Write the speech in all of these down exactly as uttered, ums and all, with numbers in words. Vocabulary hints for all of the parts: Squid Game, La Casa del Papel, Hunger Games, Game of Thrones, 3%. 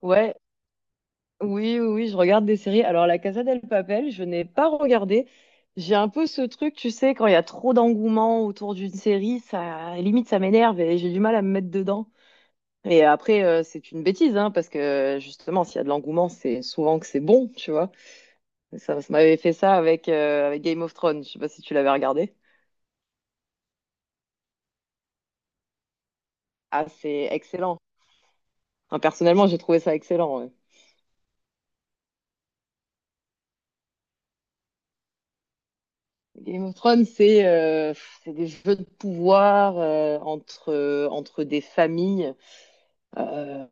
Ouais, oui, oui, oui, je regarde des séries. Alors, La Casa del Papel, je n'ai pas regardé. J'ai un peu ce truc, tu sais, quand il y a trop d'engouement autour d'une série, ça limite ça m'énerve et j'ai du mal à me mettre dedans. Et après, euh, c'est une bêtise, hein, parce que justement, s'il y a de l'engouement, c'est souvent que c'est bon, tu vois. Ça, ça m'avait fait ça avec, euh, avec Game of Thrones. Je sais pas si tu l'avais regardé. Ah, c'est excellent. Enfin, personnellement, j'ai trouvé ça excellent. Ouais. Game of Thrones, c'est euh, c'est des jeux de pouvoir euh, entre, euh, entre des familles. Euh,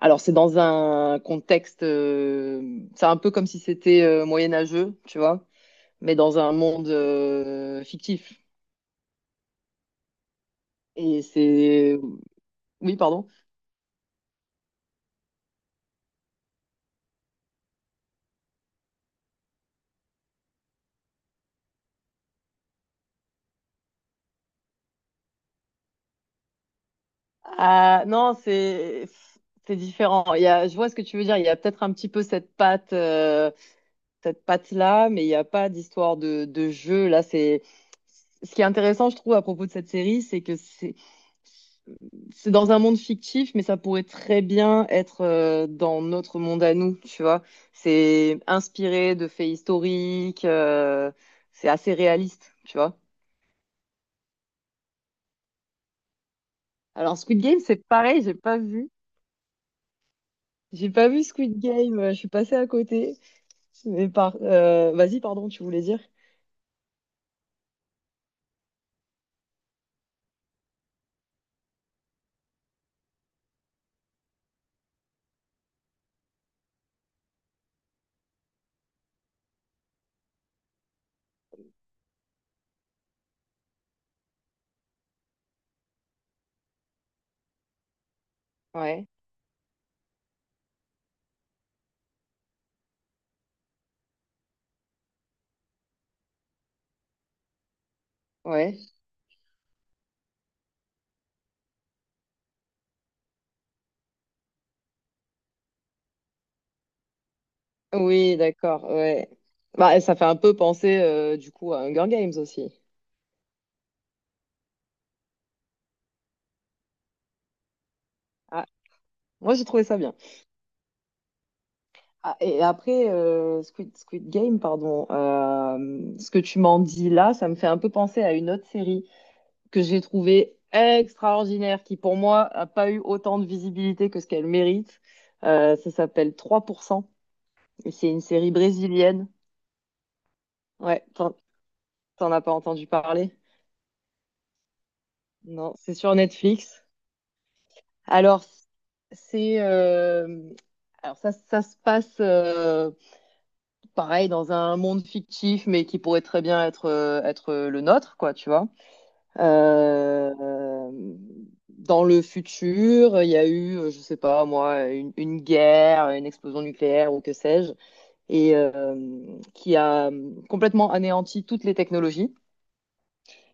alors, c'est dans un contexte, euh, c'est un peu comme si c'était euh, moyenâgeux, tu vois, mais dans un monde euh, fictif. Et c'est... Oui, pardon. Ah, non, c'est... C'est différent. Il y a, je vois ce que tu veux dire. Il y a peut-être un petit peu cette patte. Euh, cette patte-là, mais il n'y a pas d'histoire de, de jeu. Là, c'est ce qui est intéressant, je trouve, à propos de cette série, c'est que c'est c'est dans un monde fictif, mais ça pourrait très bien être euh, dans notre monde à nous, tu vois. C'est inspiré de faits historiques, euh, c'est assez réaliste, tu vois. Alors Squid Game, c'est pareil, j'ai pas vu, j'ai pas vu Squid Game, euh, je suis passée à côté. Mais par, euh, vas-y, pardon, tu voulais dire? Ouais, ouais. Oui, d'accord, ouais. Bah, ça fait un peu penser euh, du coup à Hunger Games aussi. Ah, moi j'ai trouvé ça bien. Ah, et après, euh, Squid, Squid Game, pardon, euh, ce que tu m'en dis là, ça me fait un peu penser à une autre série que j'ai trouvée extraordinaire, qui pour moi a pas eu autant de visibilité que ce qu'elle mérite. Euh, ça s'appelle trois pour cent, et c'est une série brésilienne. Ouais, t'en t'en as pas entendu parler? Non, c'est sur Netflix. Alors, c'est euh, alors ça, ça se passe euh, pareil dans un monde fictif, mais qui pourrait très bien être euh, être le nôtre, quoi, tu vois. Euh, euh, Dans le futur, il y a eu, euh, je sais pas moi, une, une guerre, une explosion nucléaire ou que sais-je, et euh, qui a euh, complètement anéanti toutes les technologies.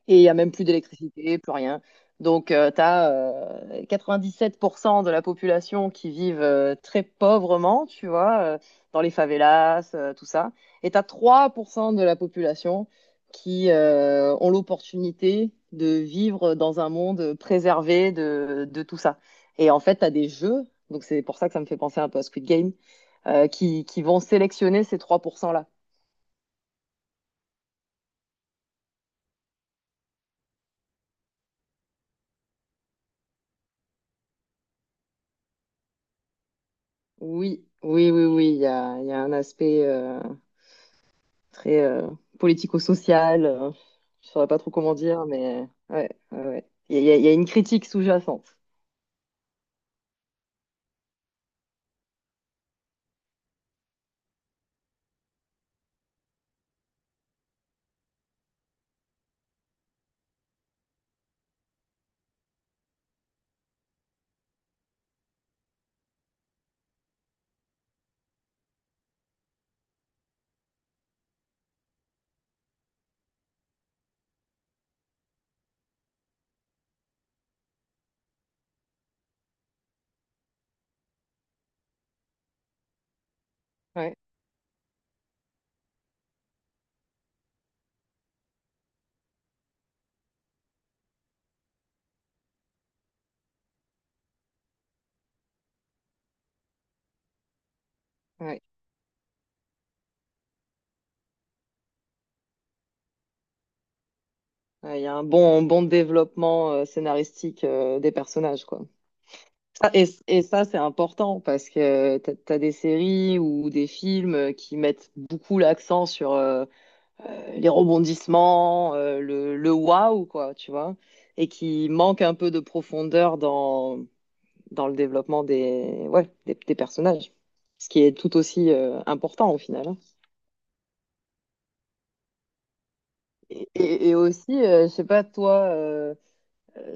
Et il n'y a même plus d'électricité, plus rien. Donc, tu as quatre-vingt-dix-sept pour cent de la population qui vivent euh, très pauvrement, tu vois, euh, dans les favelas, euh, tout ça. Et tu as trois pour cent de la population qui euh, ont l'opportunité de vivre dans un monde préservé de, de tout ça. Et en fait, tu as des jeux, donc c'est pour ça que ça me fait penser un peu à Squid Game, euh, qui, qui vont sélectionner ces trois pour cent-là. Oui, oui, oui, oui, il y a, il y a un aspect... euh, très euh, politico-social. Euh, je saurais pas trop comment dire, mais ouais, ouais, ouais. Il y a, il y a- il y a une critique sous-jacente. Ouais, ouais. Ouais, il y a un bon, un bon développement euh, scénaristique euh, des personnages, quoi. Ça- et, et ça, c'est important parce que t'as, t'as des séries ou des films euh, qui mettent beaucoup l'accent sur euh, les rebondissements, euh, le, le waouh, quoi, tu vois, et qui manquent un peu de profondeur dans dans le développement des, ouais, des, des personnages. Ce qui est tout aussi euh, important au final. Hein. Et, et- et aussi, euh, je ne sais pas toi euh,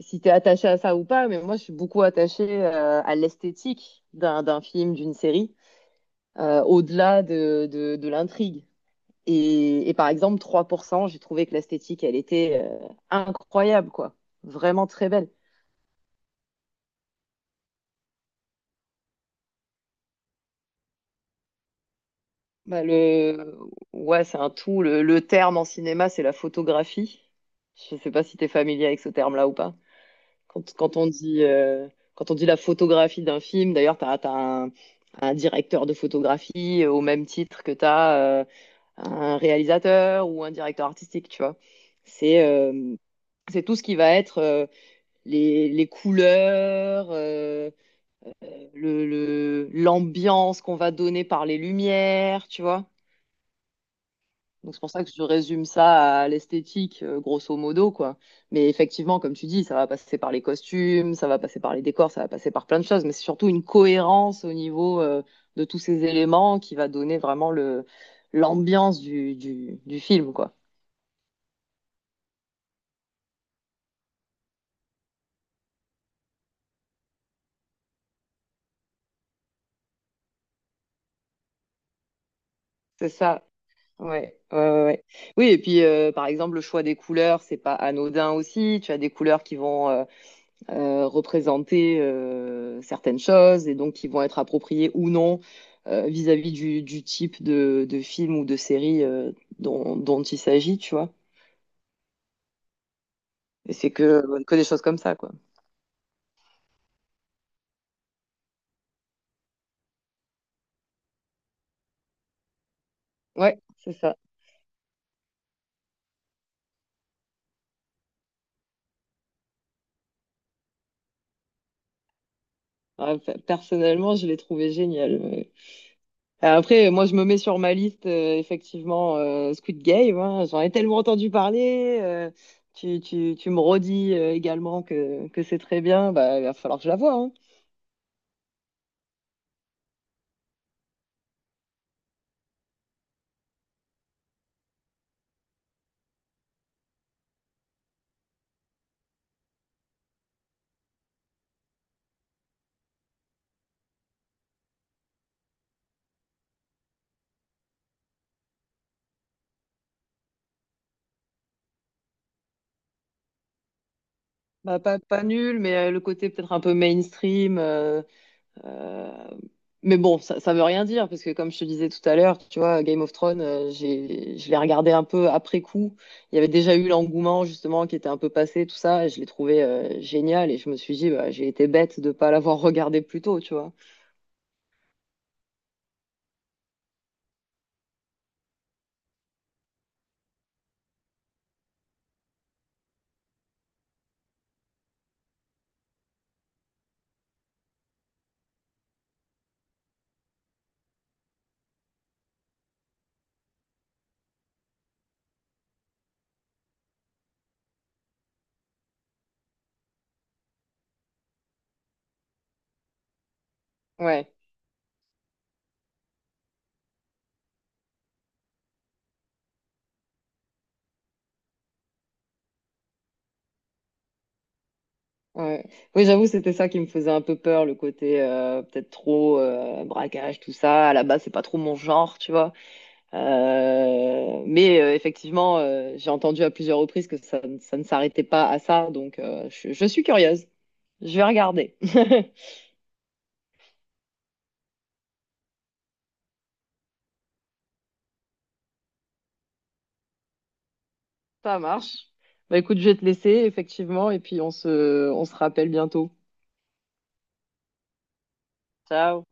si tu es attaché à ça ou pas, mais moi je suis beaucoup attachée euh, à l'esthétique d'un d'un film, d'une série, euh, au-delà de, de, de l'intrigue. Et, et par exemple, trois pour cent j'ai trouvé que l'esthétique, elle était euh, incroyable, quoi. Vraiment très belle. Bah le... Ouais, c'est un tout. Le, le terme en cinéma, c'est la photographie. Je sais pas si tu es familier avec ce terme-là ou pas. Quand, quand on dit, euh, quand on dit la photographie d'un film, d'ailleurs, tu as, un, un directeur de photographie euh, au même titre que tu as un réalisateur ou un directeur artistique, tu vois. C'est euh, c'est tout ce qui va être euh, les, les couleurs, euh, le, le- l'ambiance qu'on va donner par les lumières, tu vois. Donc c'est pour ça que je résume ça à l'esthétique, euh, grosso modo, quoi. Mais effectivement, comme tu dis, ça va passer par les costumes, ça va passer par les décors, ça va passer par plein de choses, mais c'est surtout une cohérence au niveau, euh, de tous ces éléments qui va donner vraiment le l'ambiance du, du, du film, quoi. C'est ça. Ouais, ouais, ouais. Ouais. Oui, et puis euh, par exemple, le choix des couleurs, c'est pas anodin aussi. Tu as des couleurs qui vont euh, euh, représenter euh, certaines choses et donc qui vont être appropriées ou non euh, vis-à-vis du, du type de, de film ou de série euh, dont, dont il s'agit, tu vois. Et c'est que, que des choses comme ça, quoi. Ouais, c'est ça. Ouais, pe- Personnellement, je l'ai trouvé génial. Ouais. Euh, Après, moi, je me mets sur ma liste, euh, effectivement, euh, Squid Game. Hein. J'en ai tellement entendu parler. Euh, tu, tu, tu me redis euh, également que, que c'est très bien. Bah, il va falloir que je la voie. Hein. Bah, pas, pas nul, mais euh, le côté peut-être un peu mainstream. euh, euh, Mais bon, ça, ça veut rien dire, parce que comme je te disais tout à l'heure, tu vois, Game of Thrones, euh, j'ai, je l'ai regardé un peu après coup. Il y avait déjà eu l'engouement, justement, qui était un peu passé, tout ça, et je l'ai trouvé euh, génial, et je me suis dit, bah, j'ai été bête de pas l'avoir regardé plus tôt, tu vois. Ouais, ouais. Oui, j'avoue, c'était ça qui me faisait un peu peur, le côté euh, peut-être trop euh, braquage, tout ça. À la base, c'est pas trop mon genre, tu vois. Euh, mais euh, effectivement, euh, j'ai entendu à plusieurs reprises que ça, ne ça ne s'arrêtait pas à ça, donc euh, je, je suis curieuse. Je vais regarder. Ça marche. Bah écoute, je vais te laisser, effectivement, et puis on se, on se rappelle bientôt. Ciao.